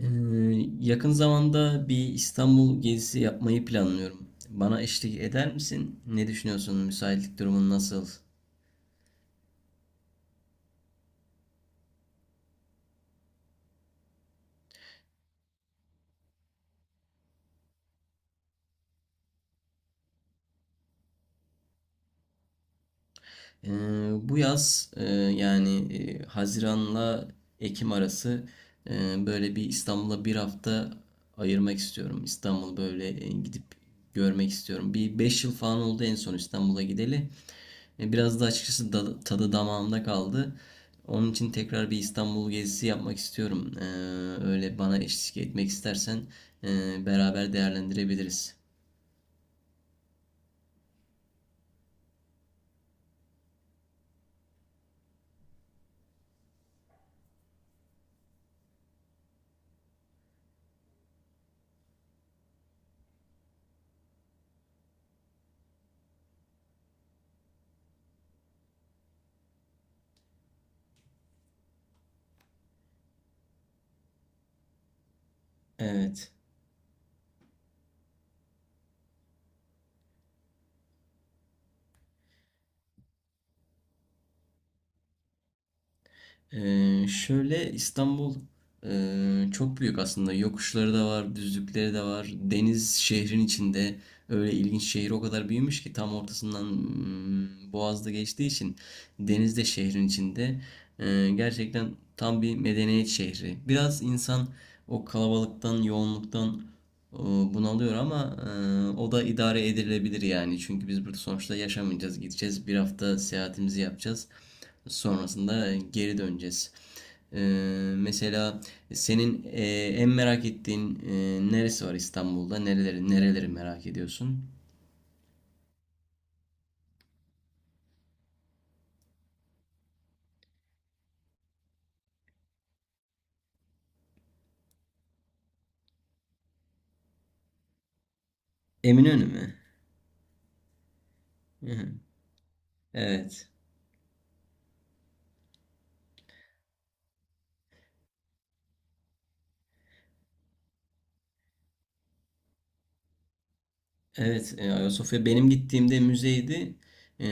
Ee, Yakın zamanda bir İstanbul gezisi yapmayı planlıyorum. Bana eşlik eder misin? Ne düşünüyorsun? Müsaitlik durumun nasıl? Ee, Bu yaz yani Haziran'la Ekim arası böyle bir İstanbul'a bir hafta ayırmak istiyorum. İstanbul böyle gidip görmek istiyorum. Bir 5 yıl falan oldu en son İstanbul'a gideli. Biraz da açıkçası tadı damağımda kaldı. Onun için tekrar bir İstanbul gezisi yapmak istiyorum. Öyle bana eşlik etmek istersen beraber değerlendirebiliriz. Evet. Şöyle İstanbul çok büyük aslında. Yokuşları da var, düzlükleri de var. Deniz şehrin içinde. Öyle ilginç şehir, o kadar büyümüş ki tam ortasından Boğaz'da geçtiği için deniz de şehrin içinde. Gerçekten tam bir medeniyet şehri. Biraz insan o kalabalıktan, yoğunluktan bunalıyor ama o da idare edilebilir yani. Çünkü biz burada sonuçta yaşamayacağız, gideceğiz. Bir hafta seyahatimizi yapacağız. Sonrasında geri döneceğiz. E, Mesela senin en merak ettiğin neresi var İstanbul'da? Nereleri, nereleri merak ediyorsun? Eminönü mü? Hı hı. Evet. Evet, Ayasofya benim gittiğimde müzeydi. E,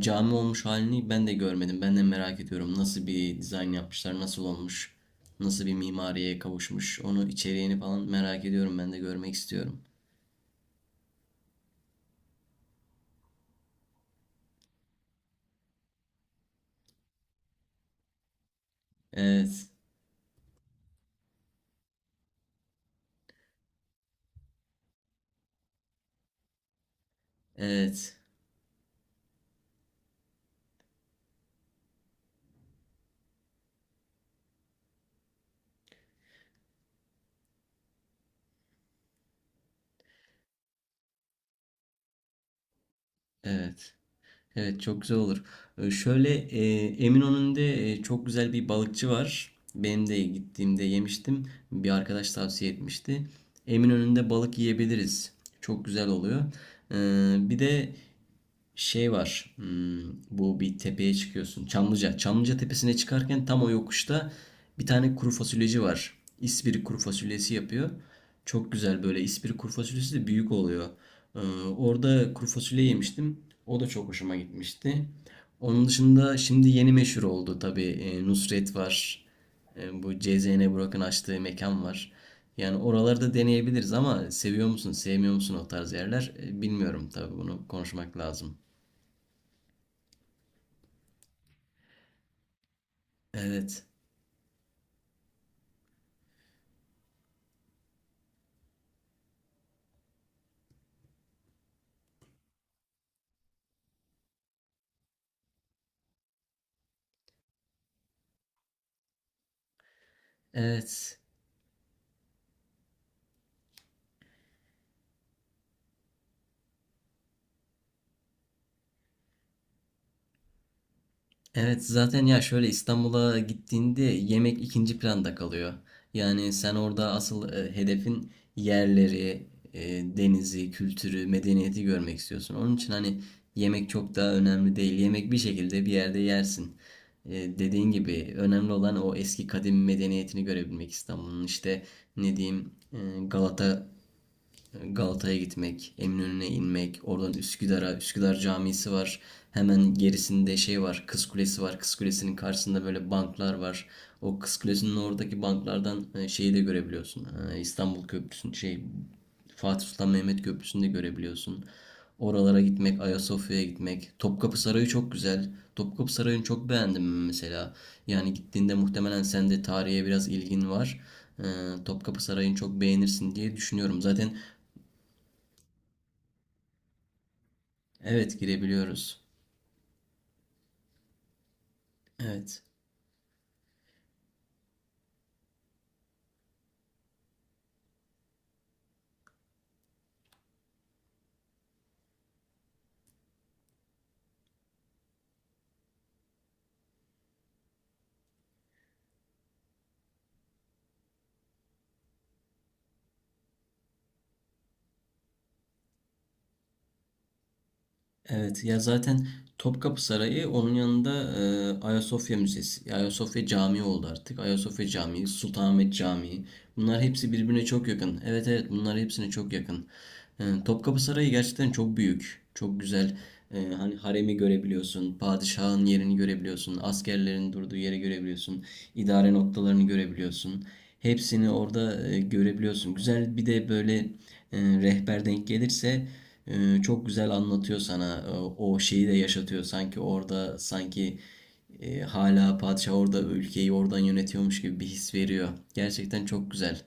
Cami olmuş halini ben de görmedim. Ben de merak ediyorum nasıl bir dizayn yapmışlar, nasıl olmuş, nasıl bir mimariye kavuşmuş. Onu içeriğini falan merak ediyorum. Ben de görmek istiyorum. Evet, evet, evet. Evet, çok güzel olur. Şöyle Eminönü'nde çok güzel bir balıkçı var. Benim de gittiğimde yemiştim. Bir arkadaş tavsiye etmişti. Eminönü'nde balık yiyebiliriz. Çok güzel oluyor. Bir de şey var. Bu bir tepeye çıkıyorsun. Çamlıca. Çamlıca tepesine çıkarken tam o yokuşta bir tane kuru fasulyeci var. İspiri kuru fasulyesi yapıyor. Çok güzel böyle. İspiri kuru fasulyesi de büyük oluyor. Ee, Orada kuru fasulye yemiştim. O da çok hoşuma gitmişti. Onun dışında şimdi yeni meşhur oldu tabii. Nusret var. Bu CZN Burak'ın açtığı mekan var. Yani oralarda deneyebiliriz ama seviyor musun, sevmiyor musun o tarz yerler? Bilmiyorum tabii, bunu konuşmak lazım. Evet. Evet. Evet, zaten ya şöyle İstanbul'a gittiğinde yemek ikinci planda kalıyor. Yani sen orada asıl hedefin yerleri, e, denizi, kültürü, medeniyeti görmek istiyorsun. Onun için hani yemek çok daha önemli değil. Yemek bir şekilde bir yerde yersin. E, Dediğin gibi önemli olan o eski kadim medeniyetini görebilmek İstanbul'un. İşte ne diyeyim, Galata Galata'ya gitmek, Eminönü'ne inmek, oradan Üsküdar'a, Üsküdar Camisi var. Hemen gerisinde şey var, Kız Kulesi var. Kız Kulesi'nin karşısında böyle banklar var. O Kız Kulesi'nin oradaki banklardan şeyi de görebiliyorsun. İstanbul Köprüsü'nün Fatih Sultan Mehmet Köprüsü'nü de görebiliyorsun. Oralara gitmek, Ayasofya'ya gitmek. Topkapı Sarayı çok güzel. Topkapı Sarayı'nı çok beğendim mesela. Yani gittiğinde muhtemelen sen de tarihe biraz ilgin var. Ee, Topkapı Sarayı'nı çok beğenirsin diye düşünüyorum. Zaten. Evet, girebiliyoruz. Evet. Evet ya, zaten Topkapı Sarayı onun yanında Ayasofya Müzesi. Ayasofya Camii oldu artık. Ayasofya Camii, Sultanahmet Camii. Bunlar hepsi birbirine çok yakın. Evet, evet, bunlar hepsine çok yakın. Topkapı Sarayı gerçekten çok büyük. Çok güzel. Hani haremi görebiliyorsun. Padişahın yerini görebiliyorsun. Askerlerin durduğu yeri görebiliyorsun. İdare noktalarını görebiliyorsun. Hepsini orada görebiliyorsun. Güzel, bir de böyle rehber denk gelirse çok güzel anlatıyor sana. O şeyi de yaşatıyor sanki orada, sanki hala padişah orada ülkeyi oradan yönetiyormuş gibi bir his veriyor. Gerçekten çok güzel.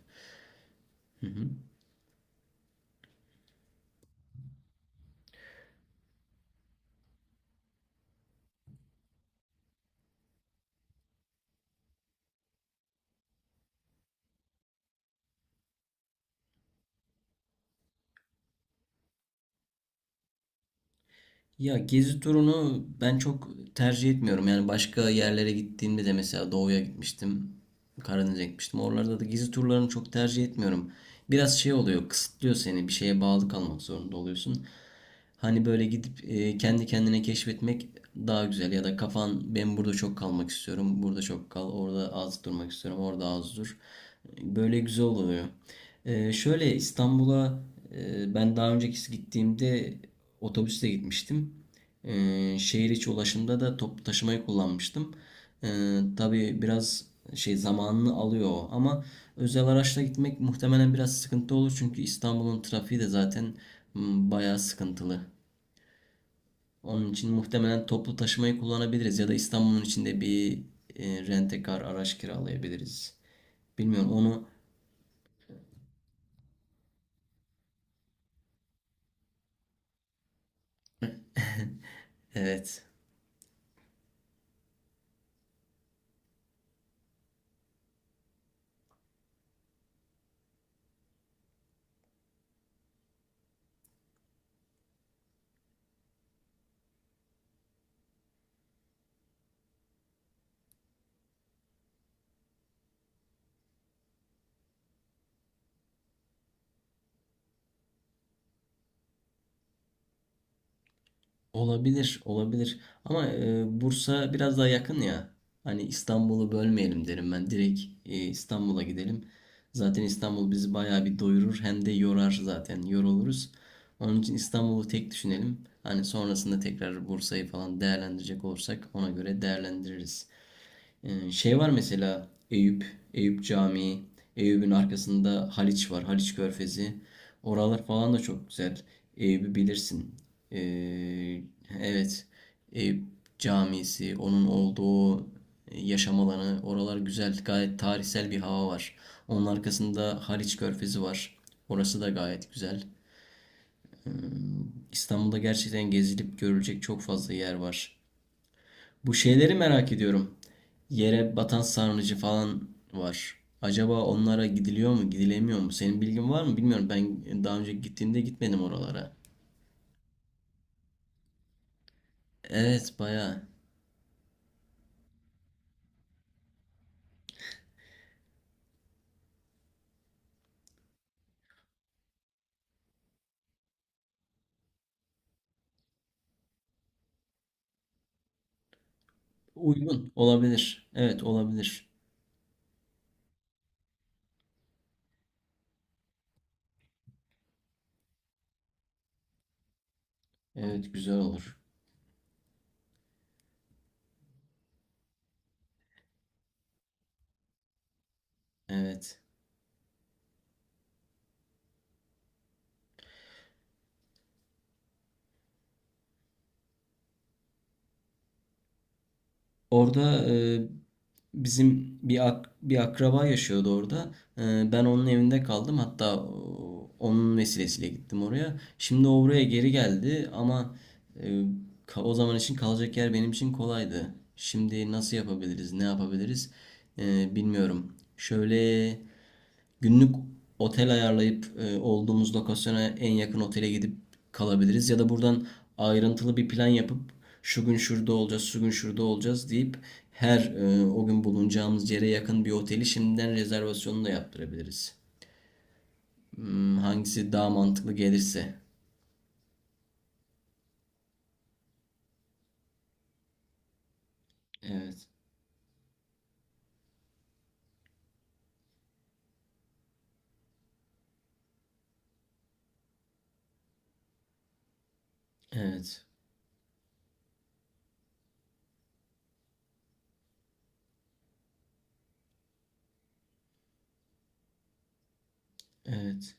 Ya gezi turunu ben çok tercih etmiyorum. Yani başka yerlere gittiğimde de mesela doğuya gitmiştim. Karadeniz'e gitmiştim. Oralarda da gezi turlarını çok tercih etmiyorum. Biraz şey oluyor, kısıtlıyor seni. Bir şeye bağlı kalmak zorunda oluyorsun. Hani böyle gidip kendi kendine keşfetmek daha güzel. Ya da kafan, ben burada çok kalmak istiyorum. Burada çok kal. Orada az durmak istiyorum. Orada az dur. Böyle güzel oluyor. Şöyle İstanbul'a ben daha önceki gittiğimde otobüsle gitmiştim. Şehir içi ulaşımda da toplu taşımayı kullanmıştım. Tabii biraz zamanını alıyor o, ama özel araçla gitmek muhtemelen biraz sıkıntı olur çünkü İstanbul'un trafiği de zaten bayağı sıkıntılı. Onun için muhtemelen toplu taşımayı kullanabiliriz ya da İstanbul'un içinde bir rent-a-car araç kiralayabiliriz. Bilmiyorum onu. Evet. Olabilir, olabilir. Ama Bursa biraz daha yakın ya. Hani İstanbul'u bölmeyelim derim ben. Direkt İstanbul'a gidelim. Zaten İstanbul bizi bayağı bir doyurur. Hem de yorar zaten. Yoruluruz. Onun için İstanbul'u tek düşünelim. Hani sonrasında tekrar Bursa'yı falan değerlendirecek olursak ona göre değerlendiririz. Şey var mesela Eyüp, Eyüp Camii, Eyüp'ün arkasında Haliç var, Haliç Körfezi. Oralar falan da çok güzel. Eyüp'ü bilirsin. Ee, evet, Eyüp Camisi, onun olduğu yaşam alanı, oralar güzel, gayet tarihsel bir hava var. Onun arkasında Haliç Körfezi var. Orası da gayet güzel. İstanbul'da gerçekten gezilip görülecek çok fazla yer var. Bu şeyleri merak ediyorum. Yere batan sarnıcı falan var. Acaba onlara gidiliyor mu, gidilemiyor mu? Senin bilgin var mı? Bilmiyorum. Ben daha önce gittiğimde gitmedim oralara. Evet, bayağı. Uygun olabilir. Evet, olabilir. Evet, güzel olur. Evet. Orada bizim bir bir akraba yaşıyordu orada. Ben onun evinde kaldım. Hatta onun vesilesiyle gittim oraya. Şimdi o buraya geri geldi ama e, o zaman için kalacak yer benim için kolaydı. Şimdi nasıl yapabiliriz, ne yapabiliriz? Bilmiyorum. Şöyle, günlük otel ayarlayıp olduğumuz lokasyona en yakın otele gidip kalabiliriz. Ya da buradan ayrıntılı bir plan yapıp şu gün şurada olacağız, şu gün şurada olacağız deyip her o gün bulunacağımız yere yakın bir oteli şimdiden rezervasyonunu da yaptırabiliriz. Hmm, hangisi daha mantıklı gelirse. Evet. Evet, evet.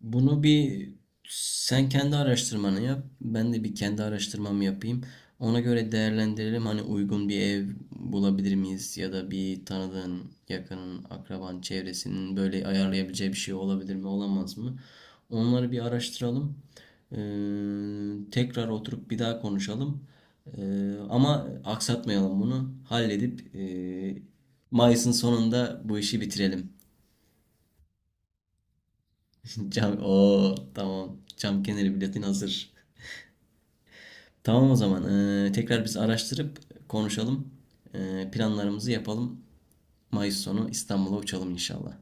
Bunu bir sen kendi araştırmanı yap. Ben de bir kendi araştırmamı yapayım. Ona göre değerlendirelim. Hani uygun bir ev bulabilir miyiz? Ya da bir tanıdığın, yakının, akraban, çevresinin böyle ayarlayabileceği bir şey olabilir mi, olamaz mı? Onları bir araştıralım. Ee, Tekrar oturup bir daha konuşalım. Ama aksatmayalım bunu. Halledip Mayıs'ın sonunda bu işi bitirelim. Cam, o tamam. Cam kenarı biletin hazır. Tamam o zaman. Tekrar biz araştırıp konuşalım. Planlarımızı yapalım. Mayıs sonu İstanbul'a uçalım inşallah.